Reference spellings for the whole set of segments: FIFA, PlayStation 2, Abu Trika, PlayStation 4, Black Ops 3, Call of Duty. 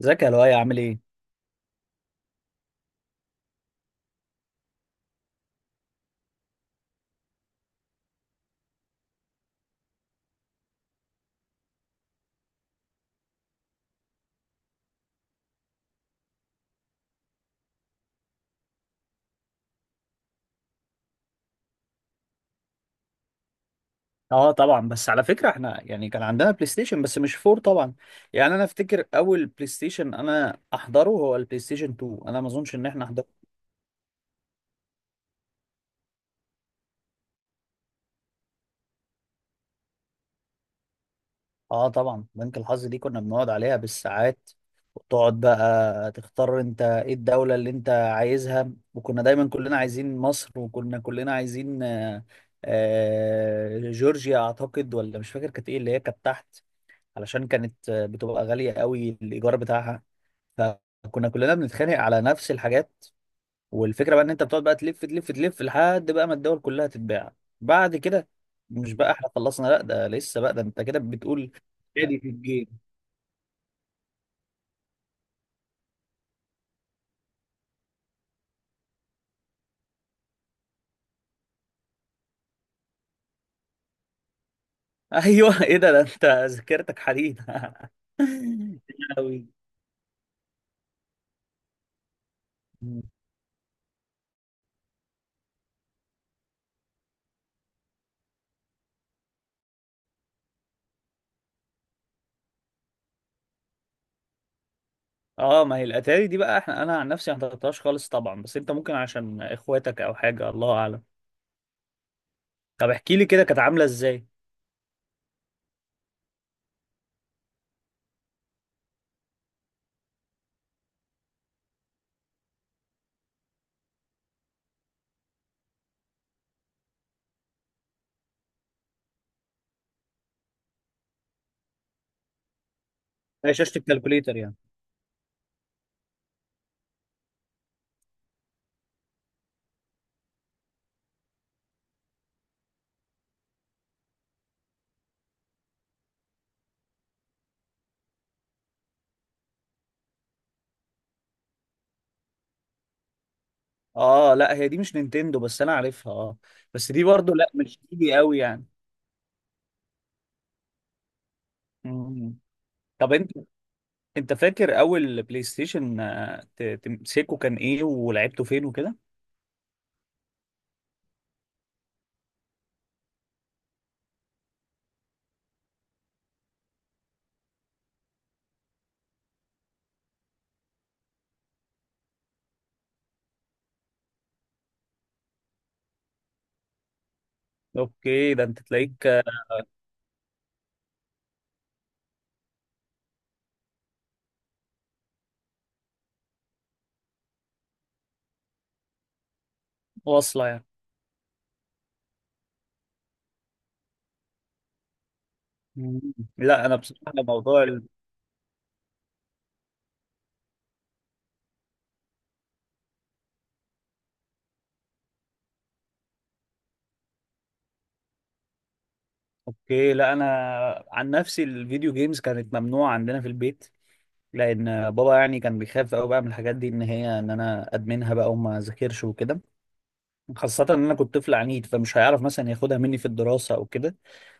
ازيك يا لؤي؟ عامل ايه؟ اه طبعا، بس على فكره احنا يعني كان عندنا بلاي ستيشن بس مش فور طبعا. يعني انا افتكر اول بلاي ستيشن انا احضره هو البلاي ستيشن 2. انا ما اظنش ان احنا حضرنا. اه طبعا، بنك الحظ دي كنا بنقعد عليها بالساعات. وتقعد بقى تختار انت ايه الدوله اللي انت عايزها، وكنا دايما كلنا عايزين مصر، وكنا كلنا عايزين جورجيا اعتقد، ولا مش فاكر كانت ايه اللي هي كانت تحت. علشان كانت بتبقى غاليه قوي الايجار بتاعها. فكنا كلنا بنتخانق على نفس الحاجات. والفكره بقى ان انت بتقعد بقى تلف تلف تلف لحد بقى ما الدول كلها تتباع. بعد كده مش بقى احنا خلصنا، لا ده لسه، بقى ده انت كده بتقول: ادي في الجيم. ايوه ايه ده، ده انت ذاكرتك حديد. أوي. اه، ما هي الاتاري دي بقى احنا، انا عن نفسي ما حضرتهاش خالص طبعا، بس انت ممكن عشان اخواتك او حاجه، الله اعلم. طب احكي لي كده كانت عامله ازاي. هي شاشه الكالكوليتر يعني؟ اه لا، هي دي مش نينتندو، بس انا عارفها اه. بس دي برضه لا، مش ايدي قوي يعني. مم. طب انت فاكر اول بلاي ستيشن تمسكه كان ايه ولعبته فين وكده؟ اوكي، ده انت تلاقيك واصله يعني. مم. لا انا بصراحه موضوع ال... اوكي، لا انا عن نفسي الفيديو جيمز كانت ممنوعه عندنا في البيت، لان بابا يعني كان بيخاف قوي بقى من الحاجات دي، ان هي، ان انا ادمنها بقى وما ذاكرش وكده. خاصة ان انا كنت طفل عنيد، فمش هيعرف مثلا ياخدها مني في الدراسة او كده.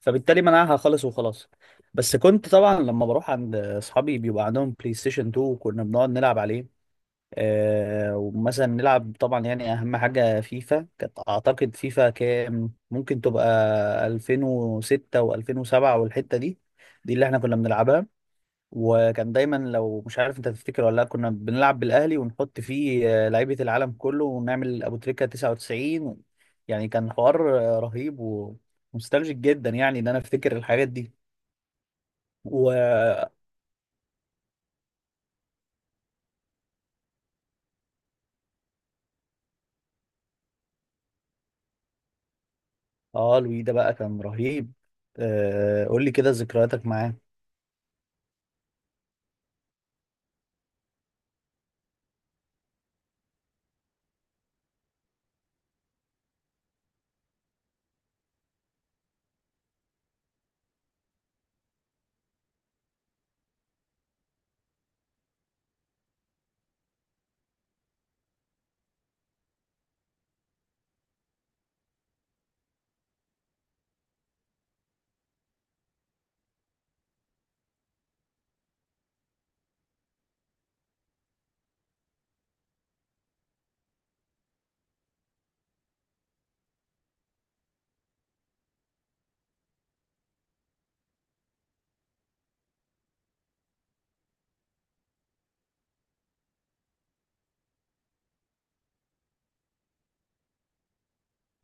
فبالتالي منعها خالص وخلاص. بس كنت طبعا لما بروح عند اصحابي بيبقى عندهم بلاي ستيشن 2 وكنا بنقعد نلعب عليه. آه ومثلا نلعب طبعا يعني اهم حاجة فيفا كانت، اعتقد فيفا كام ممكن تبقى؟ 2006 و2007 والحتة دي. دي اللي احنا كنا بنلعبها. وكان دايما، لو مش عارف انت تفتكر ولا لا، كنا بنلعب بالاهلي ونحط فيه لعيبه العالم كله ونعمل ابو تريكه 99. يعني كان حوار رهيب ومستلجك جدا، يعني ان انا افتكر الحاجات دي و... اه، لوي ده بقى كان رهيب. آه، قول لي كده ذكرياتك معاه.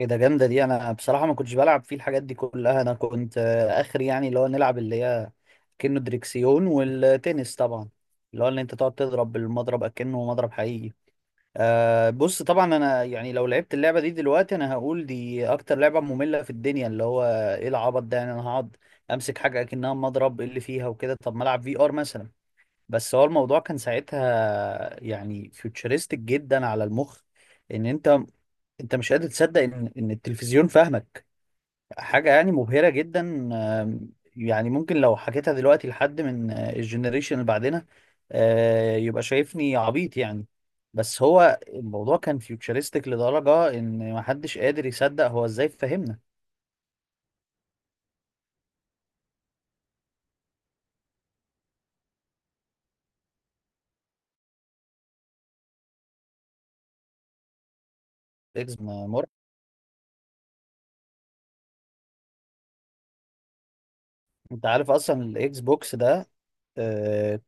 ايه ده، جامده دي! انا بصراحه ما كنتش بلعب فيه الحاجات دي كلها. انا كنت اخر يعني، اللي هو نلعب اللي هي كأنه دريكسيون، والتنس طبعا، اللي هو ان انت تقعد تضرب بالمضرب اكنه مضرب حقيقي. أه بص، طبعا انا يعني لو لعبت اللعبه دي دلوقتي انا هقول دي اكتر لعبه ممله في الدنيا. اللي هو ايه العبط ده يعني؟ انا هقعد امسك حاجه اكنها مضرب، إيه اللي فيها وكده؟ طب ما العب في ار مثلا. بس هو الموضوع كان ساعتها يعني فيوتشرستك جدا على المخ، ان انت مش قادر تصدق ان التلفزيون فاهمك. حاجة يعني مبهرة جدا. يعني ممكن لو حكيتها دلوقتي لحد من الجنريشن اللي بعدنا، يبقى شايفني عبيط يعني. بس هو الموضوع كان فيوتشرستيك لدرجة ان محدش قادر يصدق هو ازاي فهمنا. اكس مرعب. انت عارف اصلا الاكس بوكس ده؟ آه،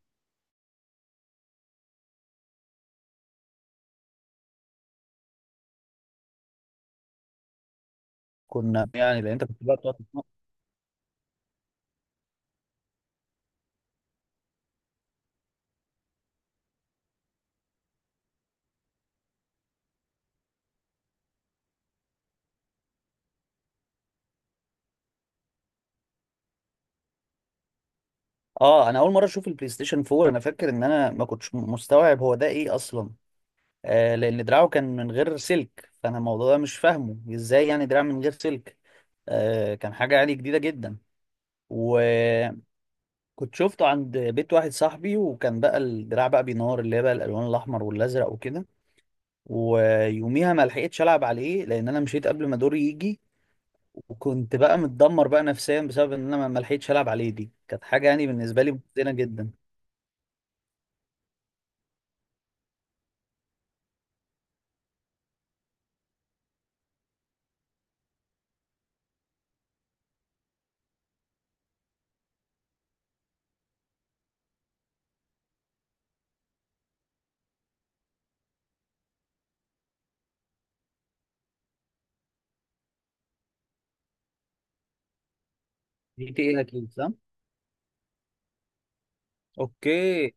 كنا يعني، لان انت كنت بقى بتقعد تسمع- اه انا اول مرة اشوف البلاي ستيشن 4 انا فاكر ان انا ما كنتش مستوعب هو ده ايه اصلا. لان دراعه كان من غير سلك، فانا الموضوع ده مش فاهمه ازاي يعني، دراع من غير سلك. كان حاجه يعني جديده جدا. وكنت شفته عند بيت واحد صاحبي، وكان بقى الدراع بقى بينور، اللي هي بقى الالوان الاحمر والازرق وكده. ويوميها ما لحقتش العب عليه لان انا مشيت قبل ما دوري يجي. وكنت بقى متدمر بقى نفسيا بسبب ان انا ما لحقتش العب عليه. دي كانت حاجه يعني بالنسبه لي محزنه جدا. جي تي ايه اكيد، صح. اوكي.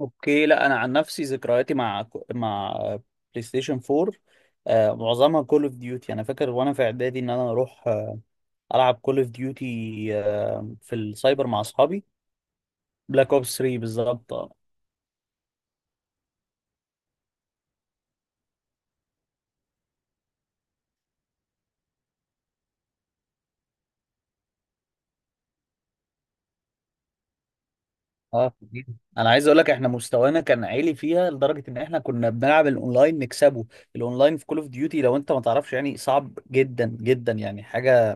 اوكي، لا انا عن نفسي ذكرياتي مع مع بلاي ستيشن 4، معظمها كول اوف ديوتي. انا فاكر وانا في اعدادي ان انا اروح العب كول اوف ديوتي في السايبر مع اصحابي. بلاك اوبس 3 بالظبط، اه. آه. انا عايز اقول لك احنا مستوانا كان عالي فيها لدرجه ان احنا كنا بنلعب الاونلاين نكسبه. الاونلاين في كول اوف ديوتي، لو انت ما تعرفش يعني صعب جدا جدا، يعني حاجه،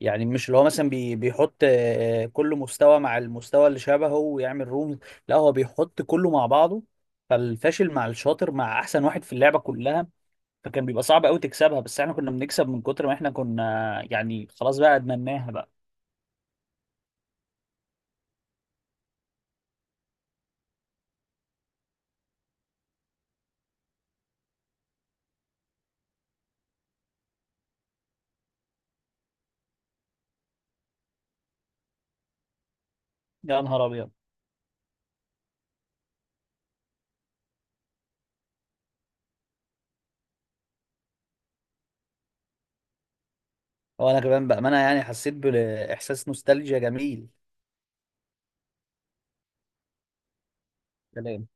يعني مش اللي هو مثلا بي بيحط كل مستوى مع المستوى اللي شبهه ويعمل روم. لا هو بيحط كله مع بعضه. فالفاشل مع الشاطر مع احسن واحد في اللعبة كلها. فكان بيبقى صعب قوي تكسبها، بس احنا كنا بنكسب من كتر ما احنا كنا يعني خلاص بقى ادمناها بقى. يا نهار ابيض! هو انا كمان بأمانة يعني حسيت بإحساس نوستالجيا جميل. سلام.